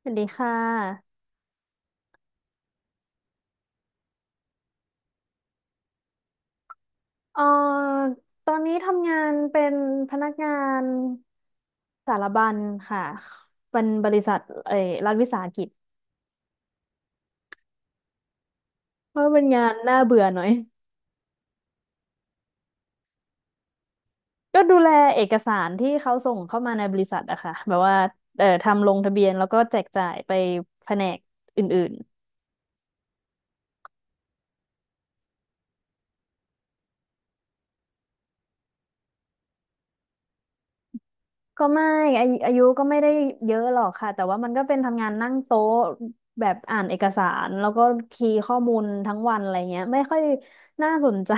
สวัสดีค่ะเอ่อตอนนี้ทำงานเป็นพนักงานสารบัญค่ะเป็นบริษัทเอ่อรัฐวิสาหกิจเพราะเป็นงานน่าเบื่อหน่อย ก็ดูแลเอกสารที่เขาส่งเข้ามาในบริษัทอะค่ะแบบว่าทำลงทะเบียนแล้วก็แจกจ่ายไปแผนกอื่นๆก็ไม่อายุก็ไม่ได้เยอะหรอกค่ะ แต่ว่ามันก็เป็นทำงานนั่งโต๊ะแบบอ่านเอกสารแล้วก็คีย์ข้อมูลทั้งวันอะไรเงี้ยไม่ค่อยน่าสนใจ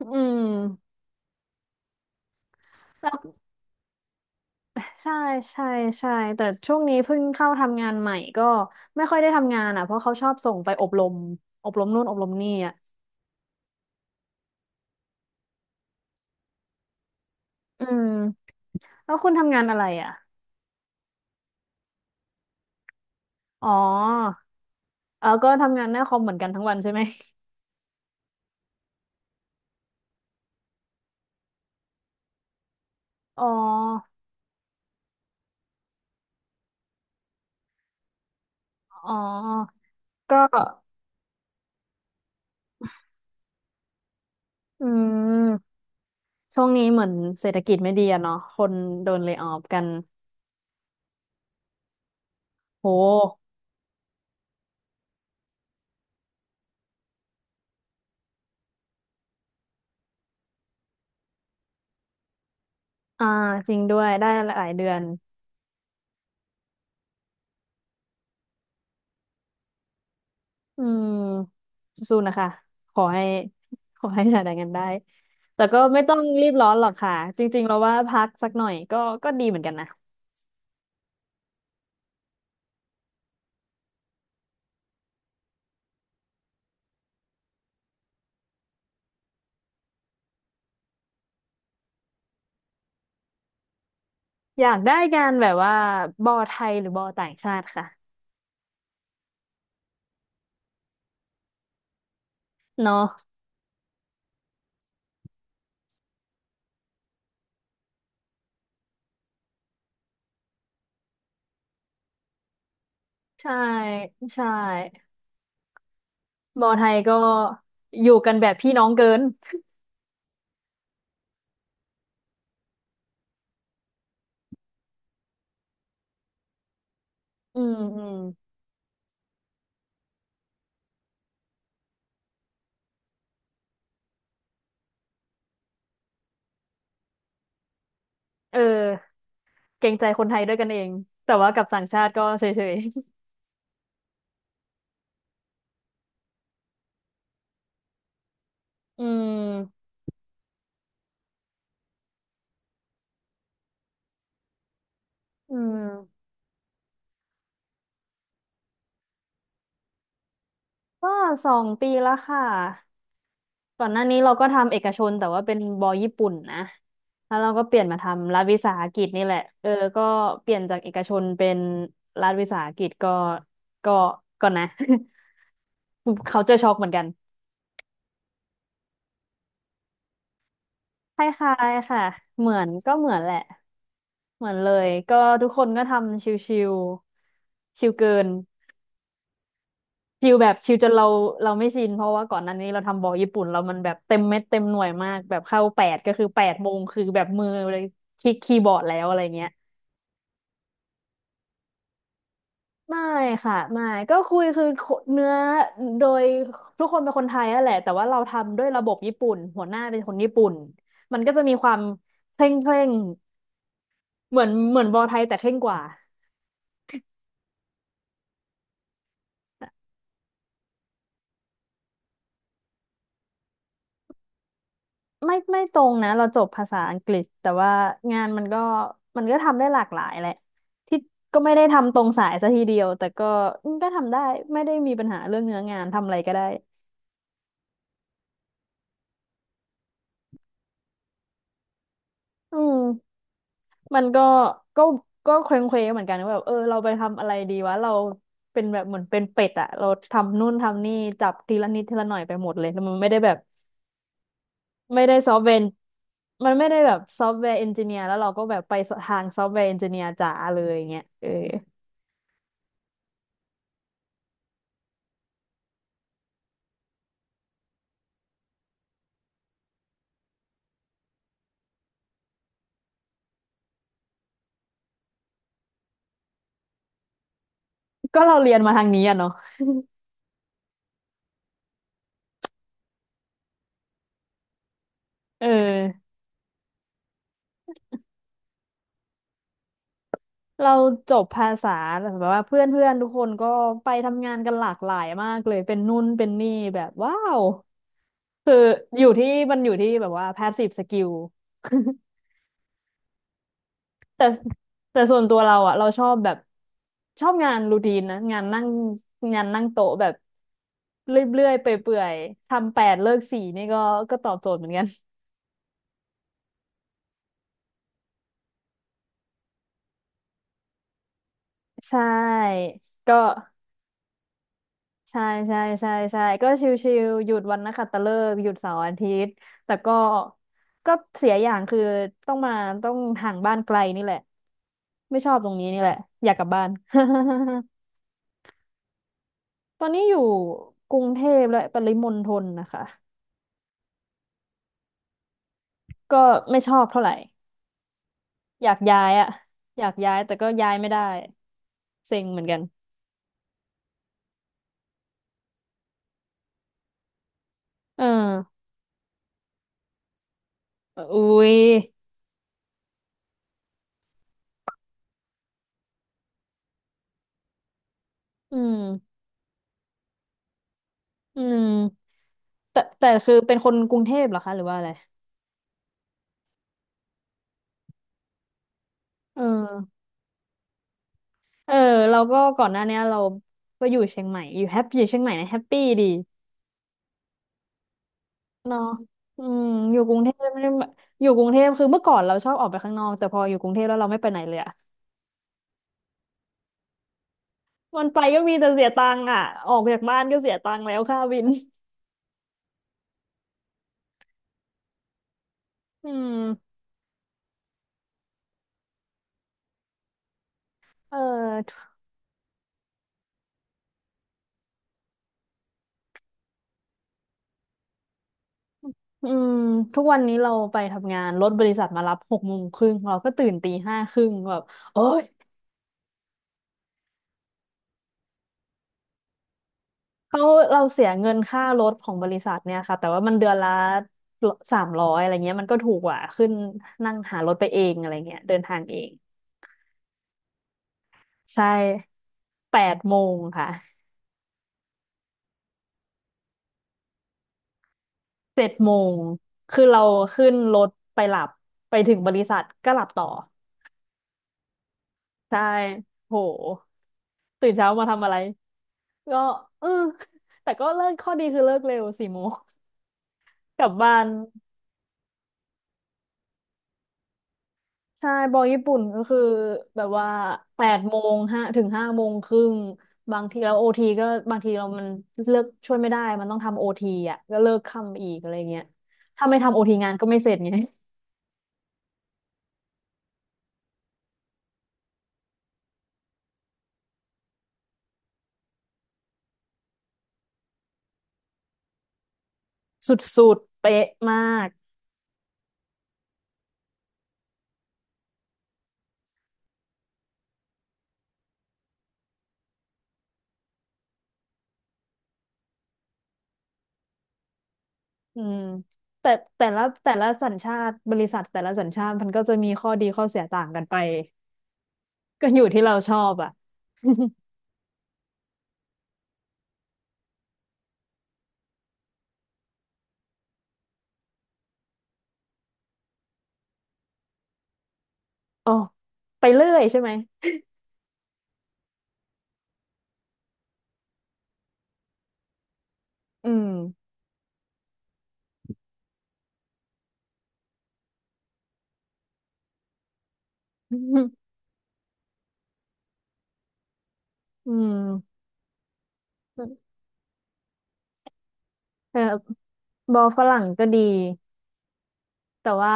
อืมแล้วใช่ใช่ใช่แต่ช่วงนี้เพิ่งเข้าทำงานใหม่ก็ไม่ค่อยได้ทำงานอ่ะเพราะเขาชอบส่งไปอบรมอบรมนู่นอบรมนี่อ่ะอืมแล้วคุณทำงานอะไรอ่ะอ๋อเออก็ทำงานหน้าคอมเหมือนกันทั้งวันใช่ไหมอ๋ออ๋อก็อืมช่วงนี้เหมือนเศรษฐกิจไม่ดีอะเนาะคนโดนเล y o ออฟกันโหอ่าจริงด้วยได้หลายเดือน อืมสู้นะคะขอให้ ขอให้หาได้กันได้แต่ก็ไม่ต้องรีบร้อนหรอกค่ะจริงๆเราว่าพักสักหน่อยก็ก็ดีเหมือนกันนะอยากได้การแบบว่าบอไทยหรือบอต่างชาติค่ะเนาะใช่ใช่บอไทยก็อยู่กันแบบพี่น้องเกินอืมอืมเออเกรงใจคนไทยด้วยกันเองแต่ว่ากับต่างชาติก็เฉยๆอืมก็2 ปีแล้วค่ะ ก่อนหน้านี้เราก็ทำเอกชนแต่ว่าเป็นบอญี่ปุ่นนะแล้วเราก็เปลี่ยนมาทำรัฐวิสาหกิจนี่แหละ เออก็เปลี่ยนจากเอกชนเป็นรัฐวิสาหกิจก็ก็นะ เขาเจอช็อกเหมือนกันคล้ายๆค่ะเหมือนก็เหมือนแหละเหมือนเลยก็ทุกคนก็ทำชิวๆชิวเกิน ชิลแบบชิลจนเราไม่ชินเพราะว่าก่อนหน้านี้เราทำบอลญี่ปุ่นเรามันแบบเต็มเม็ดเต็มหน่วยมากแบบเข้าแปดก็คือ8 โมงคือแบบมือเลยคลิกคีย์บอร์ดแล้วอะไรเงี้ยไม่ค่ะไม่ก็คุยคือเนื้อโดยทุกคนเป็นคนไทยนั่นแหละแต่ว่าเราทำด้วยระบบญี่ปุ่นหัวหน้าเป็นคนญี่ปุ่นมันก็จะมีความเคร่งเคร่งเหมือนบอลไทยแต่เคร่งกว่า ไม่ตรงนะเราจบภาษาอังกฤษแต่ว่างานมันก็ทำได้หลากหลายแหละที่ก็ไม่ได้ทำตรงสายซะทีเดียวแต่ก็ทำได้ไม่ได้มีปัญหาเรื่องเนื้องานทำอะไรก็ได้อืมมันก็ก็เคว้งเควเหมือนกันว่าแบบเออเราไปทำอะไรดีวะเราเป็นแบบเหมือนเป็นเป็ดอะเราทำนู่นทำนี่จับทีละนิดทีละหน่อยไปหมดเลยแล้วมันไม่ได้แบบไม่ได้ซอฟต์แวร์มันไม่ได้แบบซอฟต์แวร์เอนจิเนียร์แล้วเราก็แบบไปทางซอฟต์แวร์เอนจิเนียร์จ๋าเลยอย่างเงี้ยเออ ก็เราเรียนมาทางนี้อะเนาะเออเราจบภาษาแบบว่าเพื่อนเพื่อนทุกคนก็ไปทำงานกันหลากหลายมากเลย เป็นนู่นเป็นนี่แบบว้าว คืออยู่ที่มันอยู่ที่แบบว่า passive skill แต่แต่ส่วนตัวเราอะเราชอบแบบชอบงานรูทีนนะ งานนั่งโต๊ะแบบเรื่อยๆไปเปื่อยๆ ทำแปดเลิกสี่นี่ก็ตอบโจทย์เหมือนกัน ใช่ ก็ ใช่ใช่ใช่ใช่ก็ชิวๆหยุดวันนักขัตฤกษ์หยุดเสาร์อาทิตย์แต่ก็เสียอย่างคือต้องมาต้องห่างบ้านไกลนี่แหละไม่ชอบตรงนี้นี่แหละอยากกลับบ้าน ตอนนี้อยู่กรุงเทพและปริมณฑลนะคะก็ไม่ชอบเท่าไหร่อยากย้ายอะอยากย้ายแต่ก็ย้ายไม่ได้เซ็งเหมือนกันเอออุ้ยอืมอืมแต่คือเป็นคนกรุงเทพเหรอคะหรือว่าอะไรเออ เออเราก็ก่อนหน้าเนี้ยเราก็อยู่เชียงใหม่อยู่แฮปปี้อยู่เชียงใหม่นะแฮปปี้ดีเนาะอืมอยู่กรุงเทพไม่ได้มาอยู่กรุงเทพคือเมื่อก่อนเราชอบออกไปข้างนอกแต่พออยู่กรุงเทพแล้วเราไม่ไปไหนเลยอะวันไปก็มีแต่เสียตังค์อะออกจากบ้านก็เสียตังค์แล้วค่าวินอืมเอออืมทุกวันนี้เราไปทำงานรถบริษัทมารับ6 โมงครึ่งเราก็ตื่นตี 5 ครึ่งแบบโอ้ย เขาเราเสียเงินค่ารถของบริษัทเนี่ยค่ะแต่ว่ามันเดือนละ300อะไรเงี้ยมันก็ถูกกว่าขึ้นนั่งหารถไปเองอะไรเงี้ยเดินทางเองใช่แปดโมงค่ะ7 โมงคือเราขึ้นรถไปหลับไปถึงบริษัทก็หลับต่อใช่โหตื่นเช้ามาทำอะไรก็เออแต่ก็เลิกข้อดีคือเลิกเร็ว4 โมงกลับบ้าน ใช่บอลญี่ปุ่นก็คือแบบว่า8 โมง 5 ถึง 5 โมงครึ่งบางทีเราโอทีก็บางทีเรามันเลิกช่วยไม่ได้มันต้องทำโอทีอ่ะก็เลิกค่ำอีกอะไรเงี้ยถ้าไม่ทำโอทีงานก็ไม่เสร็จไง สุดๆเป๊ะมากอืมแต่แต่ละแต่ละสัญชาติบริษัทแต่ละสัญชาติมันก็จะมีข้อดีข้อเสียต่างกันไปก็อยู่ที่เราชอบอ่ะ อ๋อไปเรื่อยใช่ไหมอืม อืม เออบอลฝรั่งก็ดีแต่ว่า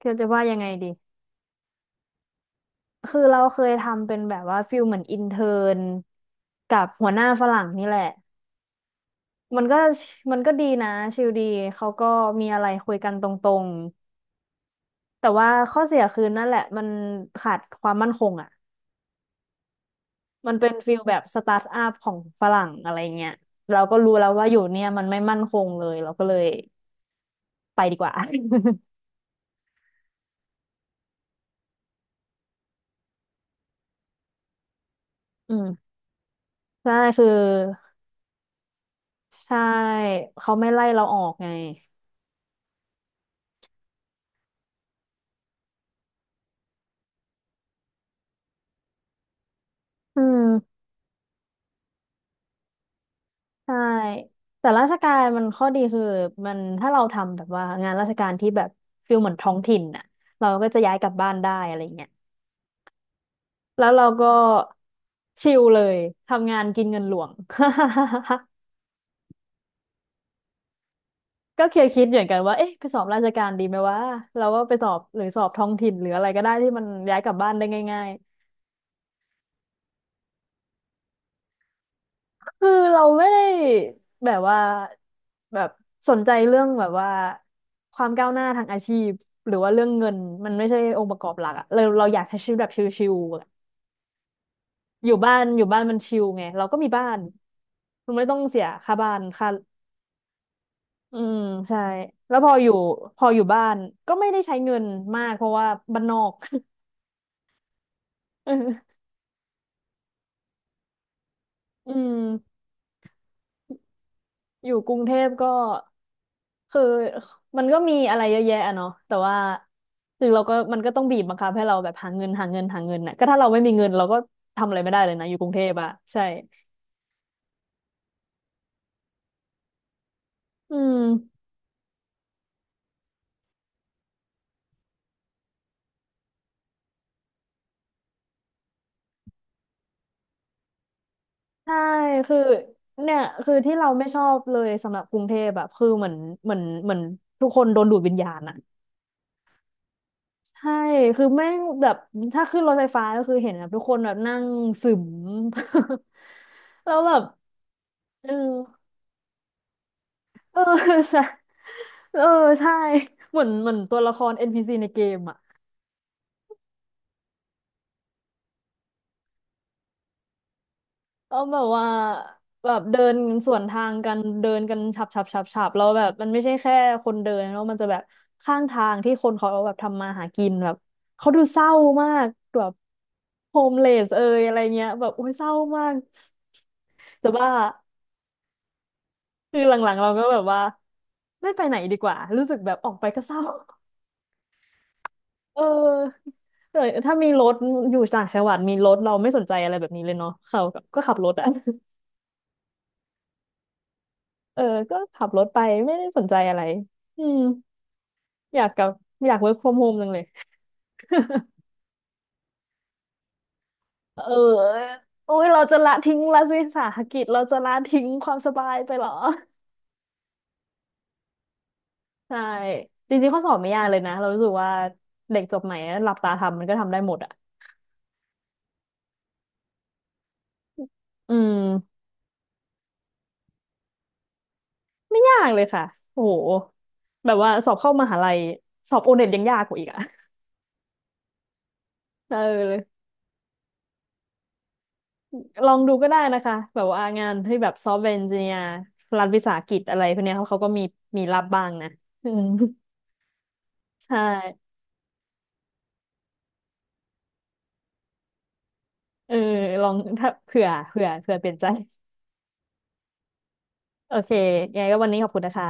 คือจะว่ายังไงดีคือเราเคยทำเป็นแบบว่าฟิลเหมือนอินเทอร์นกับหัวหน้าฝรั่งนี่แหละมันก็มันก็ดีนะชิลดีเขาก็มีอะไรคุยกันตรงๆแต่ว่าข้อเสียคือนั่นแหละมันขาดความมั่นคงอ่ะมันเป็นฟิลแบบสตาร์ทอัพของฝรั่งอะไรเงี้ยเราก็รู้แล้วว่าอยู่เนี่ยมันไม่มั่นคงเลยเราก็เลยไปดีกว่า อืมใช่คือ ใช่เขาไม่ไล่เราออกไงอืมใช่แต่ราชการมันข้อดีคือมันถ้าเราทำแบบว่างานราชการที่แบบฟิลเหมือนท้องถิ่นน่ะเราก็จะย้ายกลับบ้านได้อะไรเงี้ยแล้วเราก็ชิลเลยทำงานกินเงินหลวง ก็เคยคิดเหมือนกันว่าเอ๊ะไปสอบราชการดีไหมวะเราก็ไปสอบหรือสอบท้องถิ่นหรืออะไรก็ได้ที่มันย้ายกลับบ้านได้ง่าย คือเราไม่ได้แบบว่าแบบสนใจเรื่องแบบว่าความก้าวหน้าทางอาชีพหรือว่าเรื่องเงินมันไม่ใช่องค์ประกอบหลักอะเราเราอยากใช้ชีวิตแบบชิลๆอะอยู่บ้านอยู่บ้านมันชิลไงเราก็มีบ้านมันไม่ต้องเสียค่าบ้านค่าอืมใช่แล้วพออยู่พออยู่บ้านก็ไม่ได้ใช้เงินมากเพราะว่าบ้านนอก เอออืม อยู่กรุงเทพก็คือมันก็มีอะไรเยอะแยะอะเนาะแต่ว่าคือเราก็มันก็ต้องบีบบังคับให้เราแบบหาเงินหาเงินหาเงินน่ะก็ถ้าเราไม่มีเงินเราก็ทำอะไรไม่ได้เลยนะอยู่กรุงเทพอะใช่อืมใช่คือเนี่ยคือที่เราไม่ชอบเลยสำหรับกรุงเทพแบบคือเหมือนเหมือนทุกคนโดนดูดวิญญาณอะใช่คือแม่งแบบถ้าขึ้นรถไฟฟ้าก็คือเห็นแบบทุกคนแบบนั่งซึม แล้วแบบเออ เออ ใช่เออใช่เหมือนตัวละคร NPC ในเกมอ่ะกาแบบว่าแบบเดินสวนทางกันเดินกันฉับฉับฉับฉับแล้วแบบมันไม่ใช่แค่คนเดินแล้วมันจะแบบข้างทางที่คนเขาแบบทำมาหากินแบบเขาดูเศร้ามากแบบโฮมเลสเอยอะไรเงี้ยแบบโอ้ยเศร้ามากจะบ้าคือหลังๆเราก็แบบว่าไม่ไปไหนดีกว่ารู้สึกแบบออกไปก็เศร้า เออเออถ้ามีรถอยู่ต่างจังหวัดมีรถเราไม่สนใจอะไรแบบนี้เลยเนาะเขาก็ก็ขับรถอ่ะเออก็ขับรถไปไม่ได้สนใจอะไรอืมอยากกลับอยาก work from home จังเลยเออโอ้ยเราจะละทิ้งรัฐวิสาหกิจเราจะละทิ้งความสบายไปเหรอใช่จริงๆข้อสอบไม่ยากเลยนะเรารู้สึกว่าเด็กจบใหม่อะหลับตาทำมันก็ทำได้หมดอ่ะอืมไม่ยากเลยค่ะโอ้โหแบบว่าสอบเข้ามหาลัยสอบโอเน็ตยังยากกว่าอีกอ่ะเออ ลองดูก็ได้นะคะแบบว่างานที่แบบซอฟต์แวร์เอนจิเนียร์รัฐวิสาหกิจอะไรพวกเนี้ยเขาเขาก็มีมีรับบ้างนะ อืมใช่เออลองถ้าเผื่อเผื่อเผื่อเปลี่ยนใจโอเคยังไงก็วันนี้ขอบคุณนะคะ